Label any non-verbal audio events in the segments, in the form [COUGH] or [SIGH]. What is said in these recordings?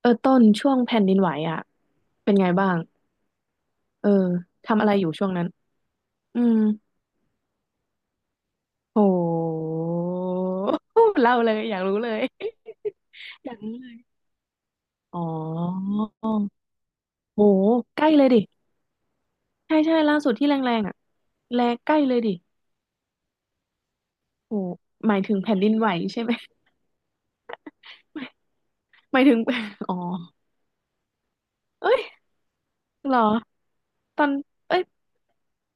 เออต้นช่วงแผ่นดินไหวอ่ะเป็นไงบ้างเออทำอะไรอยู่ช่วงนั้นอืมโห [LAUGHS] เล่าเลยอยากรู้เลย [LAUGHS] อยากรู้เลยอ๋อโหใกล้เลยดิใช่ใช่ล่าสุดที่แรงๆอ่ะแรงใกล้เลยดิโหหมายถึงแผ่นดินไหวใช่ไหม [LAUGHS] หมายถึง [LAUGHS] อ๋อเอ้ยเหรอตอนเอ้ย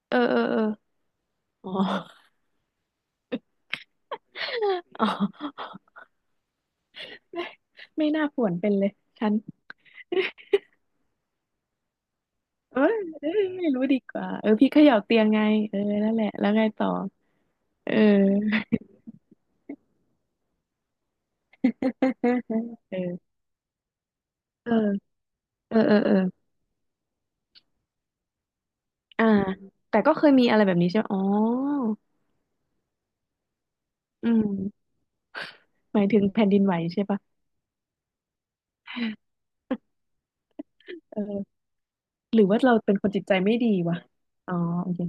เออเออเอออ๋อ [LAUGHS] อ๋อ [LAUGHS] ไม่ไม่น่าป่วนเป็นเลยฉัน เอ้ยเอ้ยไม่รู้ดีกว่าเออพี่เขย่าเตียงไงเออนั่นแหละแล้วไงต่อเออเออเออเออเออเอออ่าแต่ก็เคยมีอะไรแบบนี้ใช่ไหมอ๋ออืมหมายถึงแผ่นดินไหวใช่ปะเออหรือว่าเราเป็นคนจิตใจไม่ดีวะอ๋อโอเค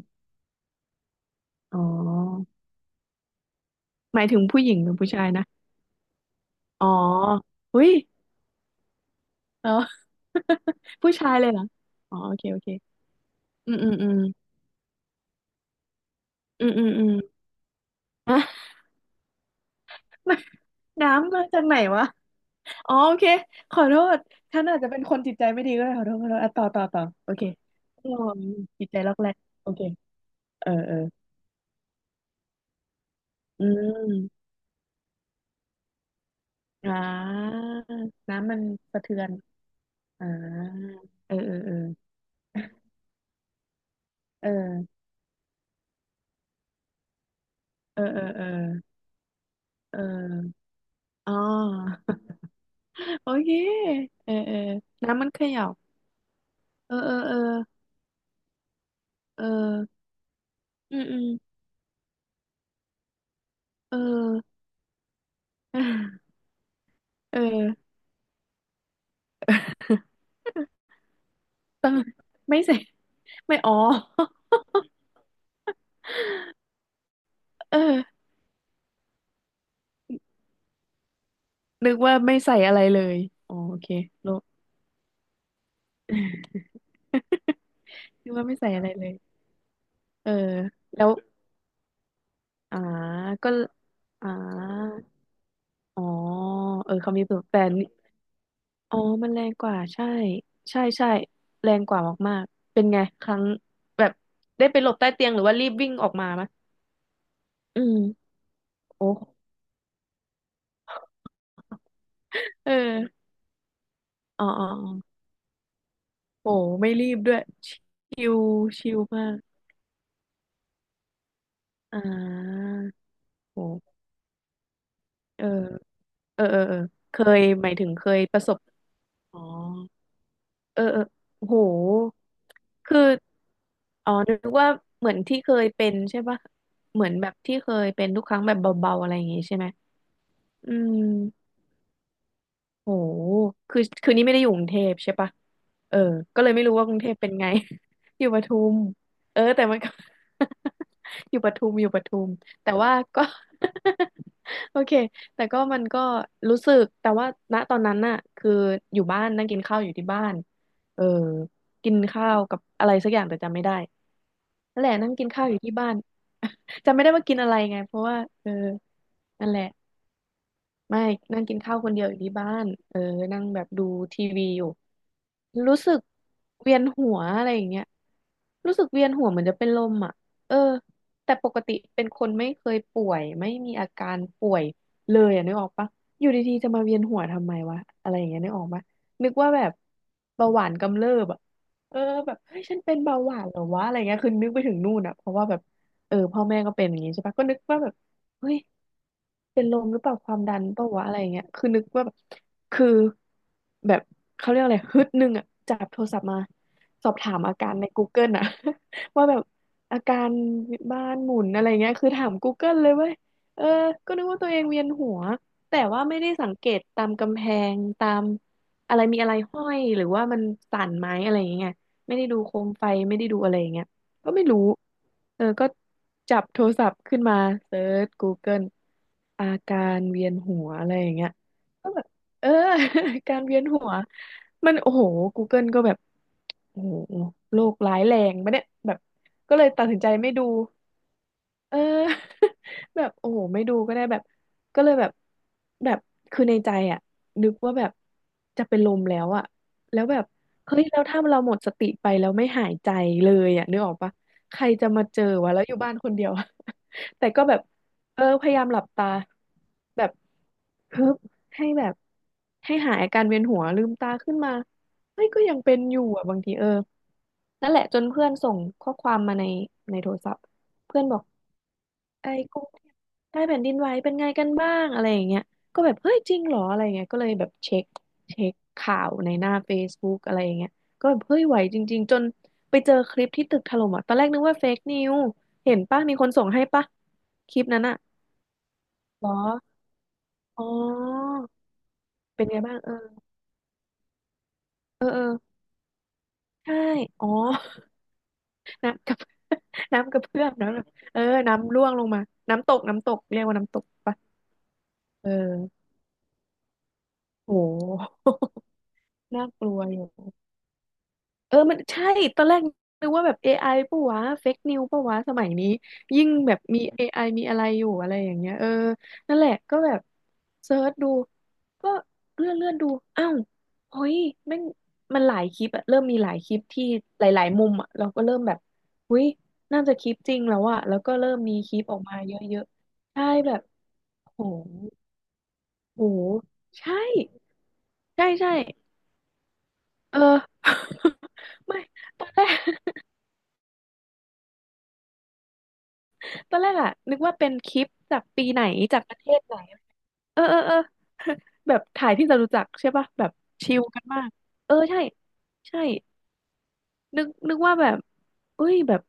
อ๋อหมายถึงผู้หญิงหรือผู้ชายนะอ๋ออุ้ยออ [LAUGHS] ผู้ชายเลยเหรออ๋อโอเคโอเคอืมอืมอืมอืมอืมอืม [LAUGHS] [LAUGHS] น้ำมาจากไหนวะอ๋อโอเค ขอโทษฉันอาจจะเป็นคนจิตใจไม่ดีก็ได้ขอโทษขอโทษอ่ะต่อต่อต่อ โอเคอ๋อจิตใจล็อกแรกโอเคเออเอออืมอ่าน้ำมันสะเทือนอ่าเออเออเออเออเออเออเออเอออ๋อ [LAUGHS] โอเคเออเออน้ำมันเขย่าเออเออเออเอออืมอืมเออ [LAUGHS] เออต้องไม่ใส่ ไม่อ๋อ [LAUGHS] เออ นึกว่าไม่ใส่อะไรเลยอ๋อโอเคโล [LAUGHS] นึกว่าไม่ใส่อะไรเลยเออแล้วอ่าก็อ่าอ๋อเออเขามีสูตัแต่นี่อ๋อมันแรงกว่าใช่ใช่ใช่แรงกว่ามากๆเป็นไงครั้งแบบได้ไปหลบใต้เตียงหรือว่ารีบวิ่งออกมามะอืมโอ้เอออ๋ออ๋ออ๋อโอ้ไม่รีบด้วยชิลชิลมากอ่าโอ้เออเออเออเออเคยหมายถึงเคยประสบ อ๋อเออเออโอหคืออ๋อ นึกว่าเหมือนที่เคยเป็นใช่ปะเหมือนแบบที่เคยเป็นทุกครั้งแบบเบาๆอะไรอย่างงี้ใช่ไหมอืม โหคือคือนี่ไม่ได้อยู่กรุงเทพใช่ปะ เออก็เลยไม่รู้ว่ากรุงเทพเป็นไง [LAUGHS] อยู่ปทุมเออแต่มันก็ [LAUGHS] อยู่ปทุมอยู่ปทุมแต่ว่าก็ [LAUGHS] โอเคแต่ก็มันก็รู้สึกแต่ว่าณตอนนั้นน่ะ คืออยู่บ้านนั่งกินข้าวอยู่ที่บ้านเออ กินข้าวกับอะไรสักอย่างแต่จำไม่ได้นั่นแหละ นั่งกินข้าวอยู่ที่บ้าน [LAUGHS] จำไม่ได้ว่ากินอะไรไงเพราะว่าเออนั่นแหละ ไม่นั่งกินข้าวคนเดียวอยู่ที่บ้านเออนั่งแบบดูทีวีอยู่ รู้สึกเวียนหัวอะไรอย่างเงี้ยรู้สึกเวียนหัวเหมือนจะเป็นลมอ่ะเออแต่ปกติเป็นคนไม่เคยป่วยไม่มีอาการป่วยเลยอ่ะนึกออกปะอยู่ดีๆจะมาเวียนหัวทำไมวะอะไรอย่างเงี้ยนึกออกปะนึกว่าแบบเบาหวานกำเริบอ่ะเออแบบเฮ้ยฉันเป็นเบาหวานเหรอวะอะไรเงี้ยคือนึกไปถึงนู่นอ่ะเพราะว่าแบบเออพ่อแม่ก็เป็นอย่างงี้ใช่ปะก็นึกว่าแบบเฮ้ยเป็นลมหรือเปล่าความดันเปล่าวะอะไรเงี้ยคือนึกว่าแบบ คือแบบเขาเรียกอะไรฮึดหนึ่งอ่ะจับโทรศัพท์มาสอบถามอาการใน Google อ่ะ [LAUGHS] ว่าแบบอาการบ้านหมุนอะไรเงี้ยคือถาม Google เลยเว้ยเออก็นึกว่าตัวเองเวียนหัวแต่ว่าไม่ได้สังเกตตามกำแพงตามอะไรมีอะไรห้อยหรือว่ามันสั่นไหมอะไรอย่างเงี้ยไม่ได้ดูโคมไฟไม่ได้ดูอะไรอย่างเงี้ยก็ไม่รู้เออก็จับโทรศัพท์ขึ้นมาเซิร์ช Google อาการเวียนหัวอะไรอย่างเงี้ย เออ [LAUGHS] การเวียนหัวมันโอ้โห Google ก็แบบโอ้โหโรคร้ายแรงปะเนี่ยแบบก็เลยตัดสินใจไม่ดูเออ [LAUGHS] แบบโอ้โหไม่ดูก็ได้แบบก็เลยแบบแบบคือในใจอ่ะนึกว่าแบบจะเป็นลมแล้วอ่ะแล้วแบบเฮ้ยแล้วถ้าเราหมดสติไปแล้วไม่หายใจเลยอ่ะนึกออกปะใครจะมาเจอวะแล้วอยู่บ้านคนเดียวอะ [LAUGHS] แต่ก็แบบเออพยายามหลับตาแบบ เคิบให้แบบให้หายอาการเวียนหัวลืมตาขึ้นมาเฮ้ยก็ยังเป็นอยู่อ่ะบางทีเออนั่นแหละจนเพื่อนส่งข้อความมาในในโทรศัพท์เพื่อนบอกไอ้กรุงเทพใต้แผ่นดินไหวเป็นไงกันบ้างอะไรอย่างเงี้ยก็แบบเฮ้ยจริงเหรออะไรอย่างเงี้ยก็เลยแบบเช็คเช็คข่าวในหน้า Facebook อะไรอย่างเงี้ยก็แบบเฮ้ยไหวจริงๆจนไปเจอคลิปที่ตึกถล่มอ่ะตอนแรกนึกว่าเฟกนิวเห็นปะมีคนส่งให้ปะคลิปนั้นอ่ะเหรออ๋อเป็นไงบ้างเออ ใช่อ๋อ [LAUGHS] น้ำกับ [LAUGHS] น้ำกระเพื่อมน้ำแบบเออน้ำร่วงลงมา น้ำตกน้ำตกเรียกว่าน้ำตกปะเออโห [LAUGHS] น่ากลัวอยู่ เออ มันใช่ ตอนแรกนึกว่าแบบ AI ปะวะเฟกนิวปะวะสมัยนี้ยิ่งแบบมี AI มีอะไรอยู่อะไรอย่างเงี้ยเออ นั่นแหละก็แบบเซิร์ชดู ก็เลื่อนดู อ้าวเฮ้ยแม่งมันหลายคลิปอะเริ่มมีหลายคลิปที่หลาย ๆ มุมอะเราก็เริ่มแบบเฮ้ยน่าจะคลิปจริงแล้วอะแล้วก็เริ่มมีคลิปออกมาเยอะๆใช่แบบโหโหใช่ใช่ใช่เออ [LAUGHS] ไม่ตอนแรก ตอนแรกอะนึกว่าเป็นคลิปจากปีไหนจากประเทศไหนเออเออเออ [LAUGHS] แบบถ่ายที่จตุจักรใช่ป่ะแบบชิลกันมากเออใช่ใช่นึกว่าแบบเอ้ยแบบ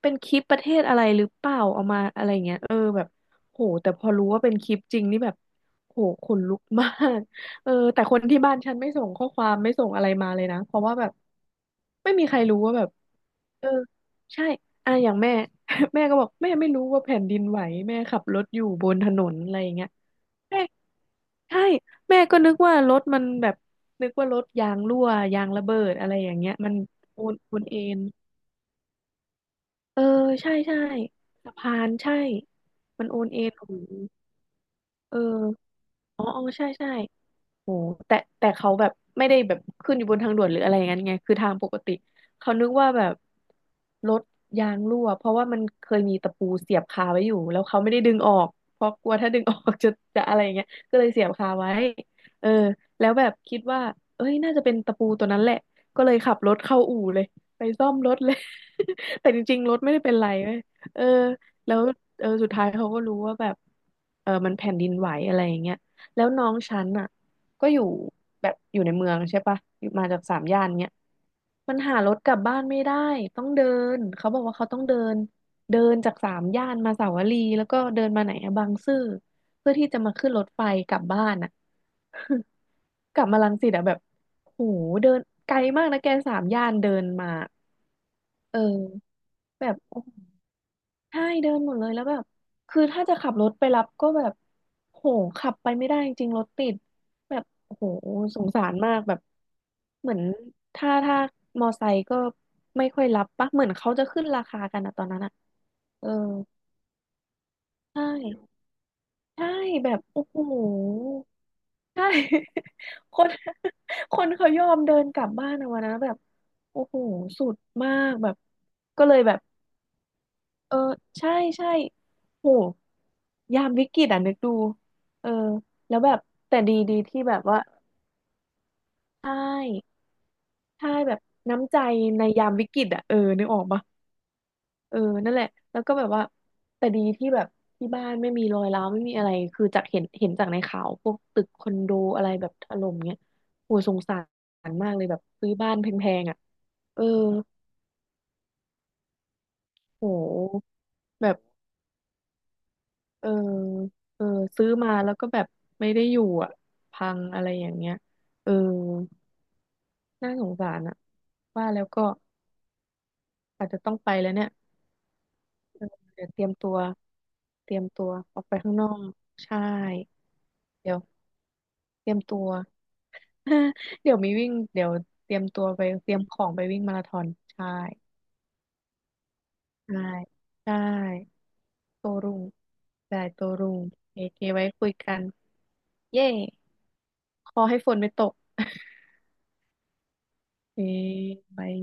เป็นคลิปประเทศอะไรหรือเปล่าเอามาอะไรเงี้ยเออแบบโหแต่พอรู้ว่าเป็นคลิปจริงนี่แบบโหขนลุกมาก [LAUGHS] เออแต่คนที่บ้านฉันไม่ส่งข้อความไม่ส่งอะไรมาเลยนะเพราะว่าแบบไม่มีใครรู้ว่าแบบ เออใช่อ่ะอย่างแม่ [LAUGHS] แม่ก็บอกแม่ไม่รู้ว่าแผ่นดินไหวแม่ขับรถอยู่บนถนนอะไรอย่างเงี้ยแม่ใช่แม่ก็นึกว่ารถมันแบบนึกว่ารถยางรั่วยางระเบิดอะไรอย่างเงี้ยมันโอนเอ็นเออใช่ใช่สะพานใช่มันโอนเอ็นโอ้โหเอออ๋ออ๋อใช่ใช่ โอ้แต่เขาแบบไม่ได้แบบขึ้นอยู่บนทางด่วนหรืออะไรอย่างนั้นไงคือทางปกติเขานึกว่าแบบรถยางรั่วเพราะว่ามันเคยมีตะปูเสียบคาไว้อยู่แล้วเขาไม่ได้ดึงออกเพราะกลัวถ้าดึงออกจะอะไรอย่างเงี้ยก็เลยเสียบคาไว้เออแล้วแบบคิดว่าเอ้ยน่าจะเป็นตะปูตัวนั้นแหละก็เลยขับรถเข้าอู่เลยไปซ่อมรถเลย [LAUGHS] แต่จริงๆรถไม่ได้เป็นไรเว้ยเออแล้วเออสุดท้ายเขาก็รู้ว่าแบบเออมันแผ่นดินไหวอะไรอย่างเงี้ยแล้วน้องฉันอ่ะ ก็อยู่แบบอยู่ในเมืองใช่ปะอยู่มาจากสามย่านเนี้ยมันหารถกลับบ้านไม่ได้ต้องเดินเขาบอกว่าเขาต้องเดินเดินจากสามย่านมาสาวรีแล้วก็เดินมาไหนอะบางซื่อเพื่อที่จะมาขึ้นรถไฟกลับบ้านอะ [LAUGHS] กลับมารังสิตอะแบบโหเดินไกลมากนะแกสามย่านเดินมาเออแบบ ใช่เดินหมดเลยแล้วแบบคือถ้าจะขับรถไปรับก็แบบโหขับไปไม่ได้จริงรถติดแบบโอ้โหสงสารมากแบบเหมือนถ้ามอไซค์ก็ไม่ค่อยรับปะเหมือนเขาจะขึ้นราคากันอะตอนนั้นอะเออใช่ใช่แบบโอ้โหใช่ [LAUGHS] คนคนเขายอมเดินกลับบ้านอะวันนั้นแบบโอ้โหสุดมากแบบก็เลยแบบ เออใช่ใช่โหยามวิกฤตอ่ะนึกดูเออแล้วแบบแต่ดีที่แบบว่าใช่ใช่แบบน้ำใจในยามวิกฤตอ่ะเออนึกออกปะเออนั่นแหละแล้วก็แบบว่าแต่ดีที่แบบที่บ้านไม่มีรอยร้าวไม่มีอะไรคือจากเห็นจากในข่าวพวกตึกคอนโดอะไรแบบถล่มเงี้ยโหสงสารมากเลยแบบซื้อบ้านแพงๆอ่ะเออโหแบบ เออเออซื้อมาแล้วก็แบบไม่ได้อยู่อ่ะพังอะไรอย่างเงี้ยเออน่าสงสารอ่ะว่าแล้วก็อาจจะต้องไปแล้วเนี่ยเออเดี๋ยวเตรียมตัวเตรียมตัวออกไปข้างนอกใช่เดี๋ยวเตรียมตัว [LAUGHS] เดี๋ยวมีวิ่งเดี๋ยวเตรียมตัวไปเตรียมของไปวิ่งมาราธอนใช่ใช่ใช่โตรุ่งได้โตรุ่งโอเคไว้คุยกันเย้ขอให้ฝนไม่ตก [LAUGHS] เอ้ยบาย